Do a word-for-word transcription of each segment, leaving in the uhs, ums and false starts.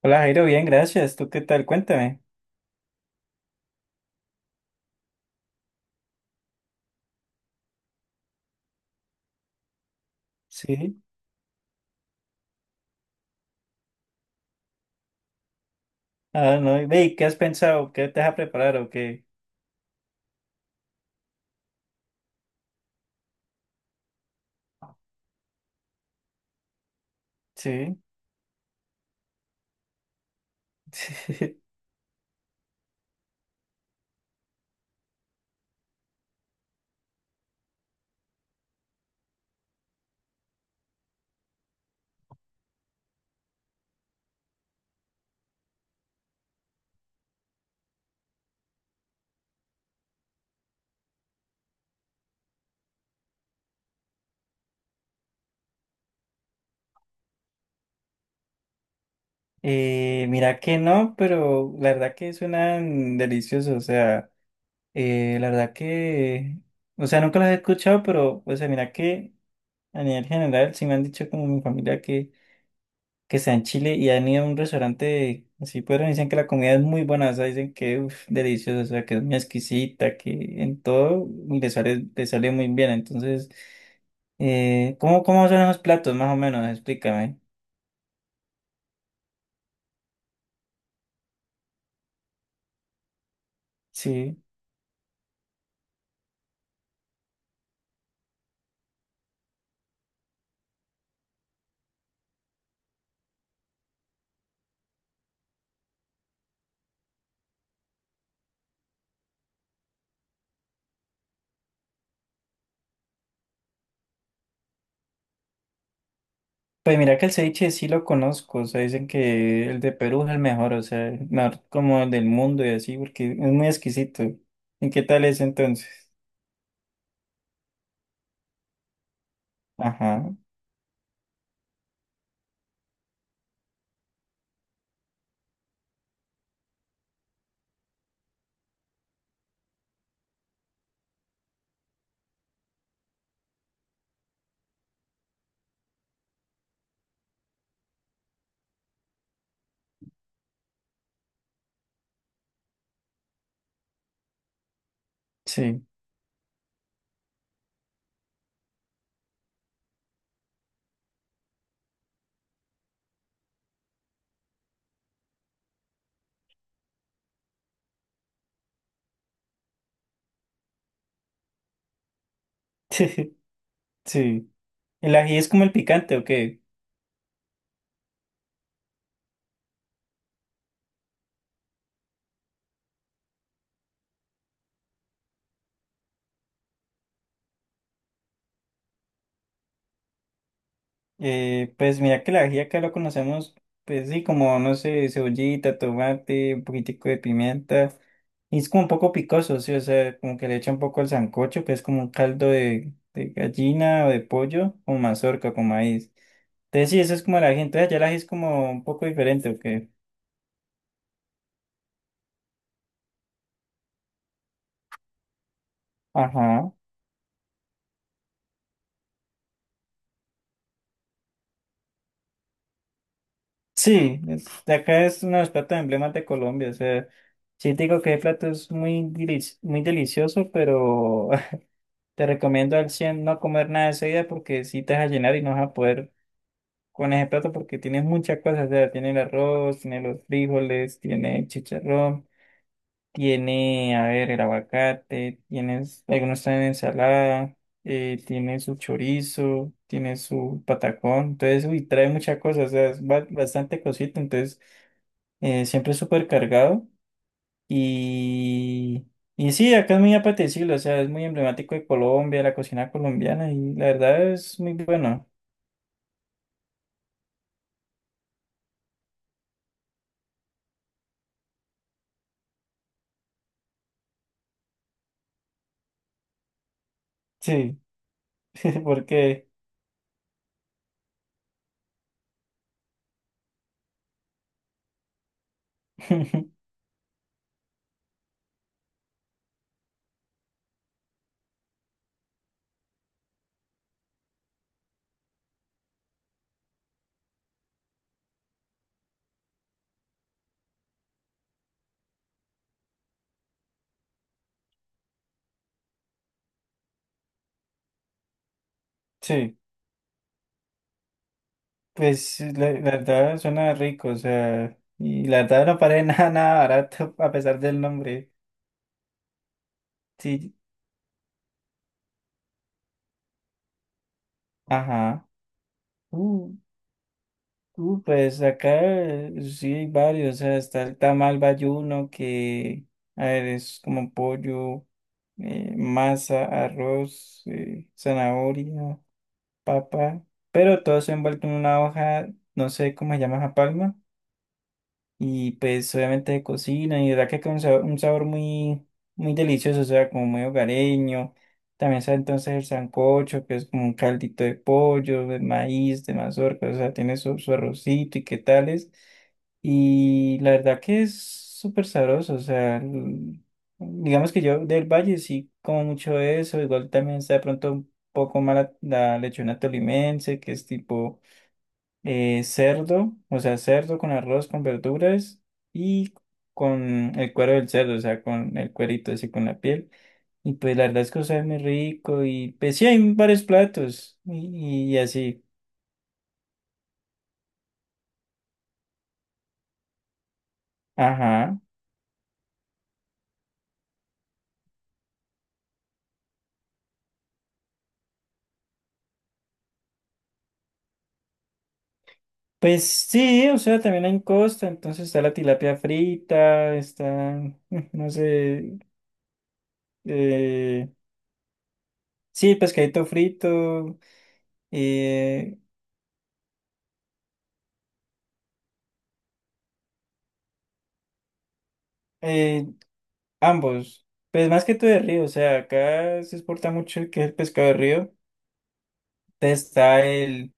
Hola Jairo, bien, gracias. ¿Tú qué tal? Cuéntame. Sí. Ah, no. y Ve, ¿y ¿qué has pensado? ¿Qué te vas a preparar o qué? Sí. Eh, mira que no, pero la verdad que suenan deliciosos. O sea, eh, la verdad que, o sea, nunca los he escuchado, pero, o sea, mira que a nivel general sí me han dicho como mi familia que está en Chile y han ido a un restaurante así, pero dicen que la comida es muy buena, o sea, dicen que uf, deliciosa, o sea, que es muy exquisita, que en todo le sale, le sale muy bien. Entonces, eh, ¿cómo, cómo son los platos, más o menos? Explícame. Sí. Pues mira que el ceviche sí lo conozco, o sea, dicen que el de Perú es el mejor, o sea, el mejor como el del mundo y así, porque es muy exquisito. ¿Y qué tal es entonces? Ajá, sí, sí. ¿El ají es como el picante o qué? Eh, pues mira que la ají acá lo conocemos, pues sí, como, no sé, cebollita, tomate, un poquitico de pimienta. Y es como un poco picoso, sí, o sea, como que le echa un poco al sancocho, que es como un caldo de, de gallina o de pollo con mazorca, con maíz. Entonces sí, eso es como el ají. Entonces allá el ají es como un poco diferente, ¿o qué? Ajá. Sí, es- de acá es uno de los platos emblemas de Colombia, o sea, sí te digo que el plato es muy, delici- muy delicioso, pero... Te recomiendo al cien no comer nada de seguida porque si te vas a llenar y no vas a poder con ese plato porque tienes muchas cosas. O sea, tiene el arroz, tiene los frijoles, tiene el chicharrón, tiene, a ver, el aguacate, tienes, algunos están en ensalada, eh, tiene su chorizo, tiene su patacón. Entonces, uy, trae muchas cosas. O sea, es ba- bastante cosita. Entonces, eh, siempre súper cargado. Y, y sí, acá es muy apetecible, o sea, es muy emblemático de Colombia, la cocina colombiana, y la verdad es muy bueno. Sí, porque, sí, pues la, la verdad suena rico, o sea, y la verdad no parece nada, nada barato a pesar del nombre. Sí, ajá. Uh, uh, pues acá eh, sí hay varios, o sea, está el tamal bayuno que, a ver, es como pollo. eh, masa, arroz, eh, zanahoria, papa, pero todo se envuelto en una hoja, no sé cómo se llama esa palma. Y pues obviamente de cocina, y de verdad que queda un sabor, un sabor muy, muy delicioso, o sea, como muy hogareño. También está entonces el sancocho, que es como un caldito de pollo, de maíz, de mazorca, o sea, tiene su, su arrocito y qué tales. Y la verdad que es súper sabroso, o sea, el- digamos que yo del Valle sí como mucho eso, igual también está de pronto un poco mala la lechona tolimense, que es tipo eh, cerdo, o sea, cerdo con arroz, con verduras y con el cuero del cerdo, o sea, con el cuerito, así con la piel. Y pues la verdad es que sabe muy rico y pues sí, hay varios platos y, y así. Ajá. Pues sí, o sea, también hay en Costa, entonces está la tilapia frita, está, no sé, eh, sí, pescadito frito, eh, eh, Ambos, pues más que todo de río, o sea, acá se exporta mucho el que es el pescado de río. Entonces está el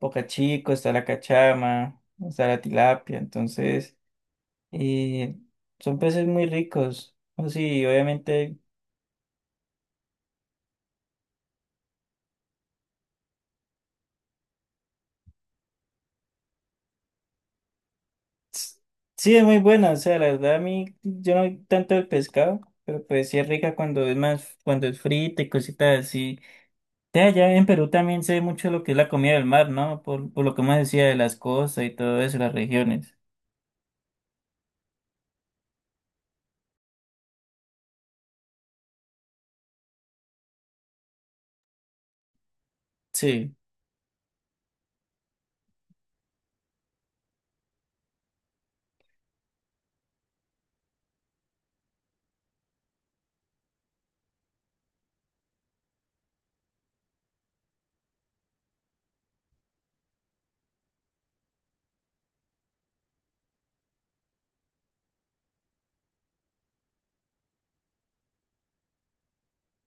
bocachico, está la cachama, está la tilapia, entonces eh, son peces muy ricos. O sí, obviamente, s- sí es muy buena, o sea, la verdad a mí yo no soy tanto el pescado, pero pues sí es rica cuando es más, cuando es frita y cositas así. De allá en Perú también se ve mucho lo que es la comida del mar, ¿no? Por, por lo que más decía de las costas y todo eso, las regiones. Sí.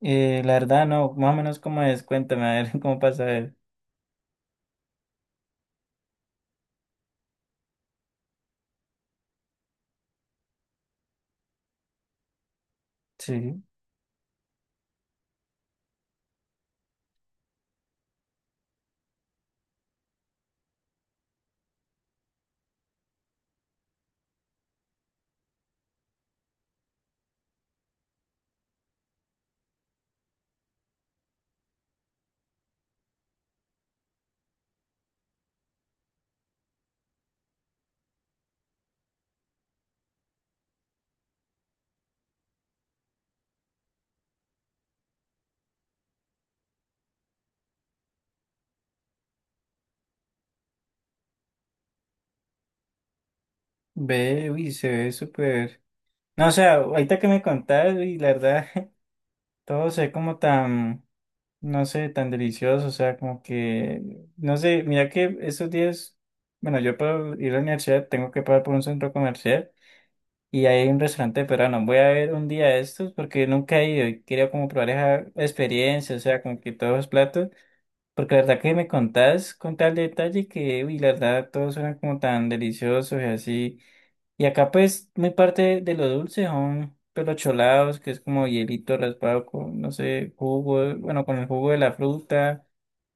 Eh, la verdad, no, más o menos cómo es, cuéntame, a ver cómo pasa él. Sí, ve, uy, se ve súper. No, o sea, ahorita que me contás, y la verdad, todo se ve como tan, no sé, tan delicioso, o sea, como que, no sé, mira que estos días, bueno, yo para ir a la universidad tengo que pasar por un centro comercial y hay un restaurante peruano. Voy a ver un día de estos porque nunca he ido y quería como probar esa experiencia, o sea, como que todos los platos. Porque la verdad que me contás con tal detalle que, uy, la verdad, todos suenan como tan deliciosos y así. Y acá, pues, muy parte de lo dulce son pues, los cholados, que es como hielito raspado con, no sé, jugo, bueno, con el jugo de la fruta.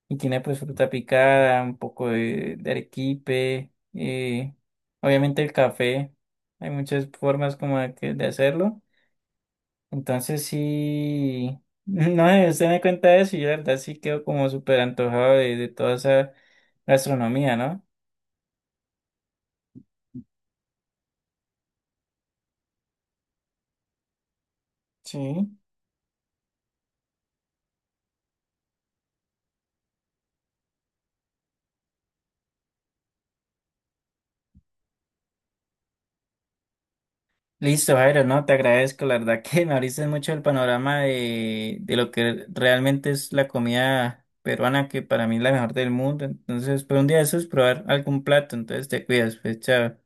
Y tiene, pues, fruta picada, un poco de, de arequipe. eh, obviamente, el café. Hay muchas formas como de, que- de hacerlo. Entonces sí, no, eh, usted me cuenta eso y yo la verdad sí quedo como súper antojado de, de toda esa gastronomía, ¿no? Sí. Listo, Jairo, no, te agradezco, la verdad que me abriste mucho el panorama de, de lo que realmente es la comida peruana, que para mí es la mejor del mundo. Entonces, pues un día de esos probar algún plato, entonces te cuidas, pues chao.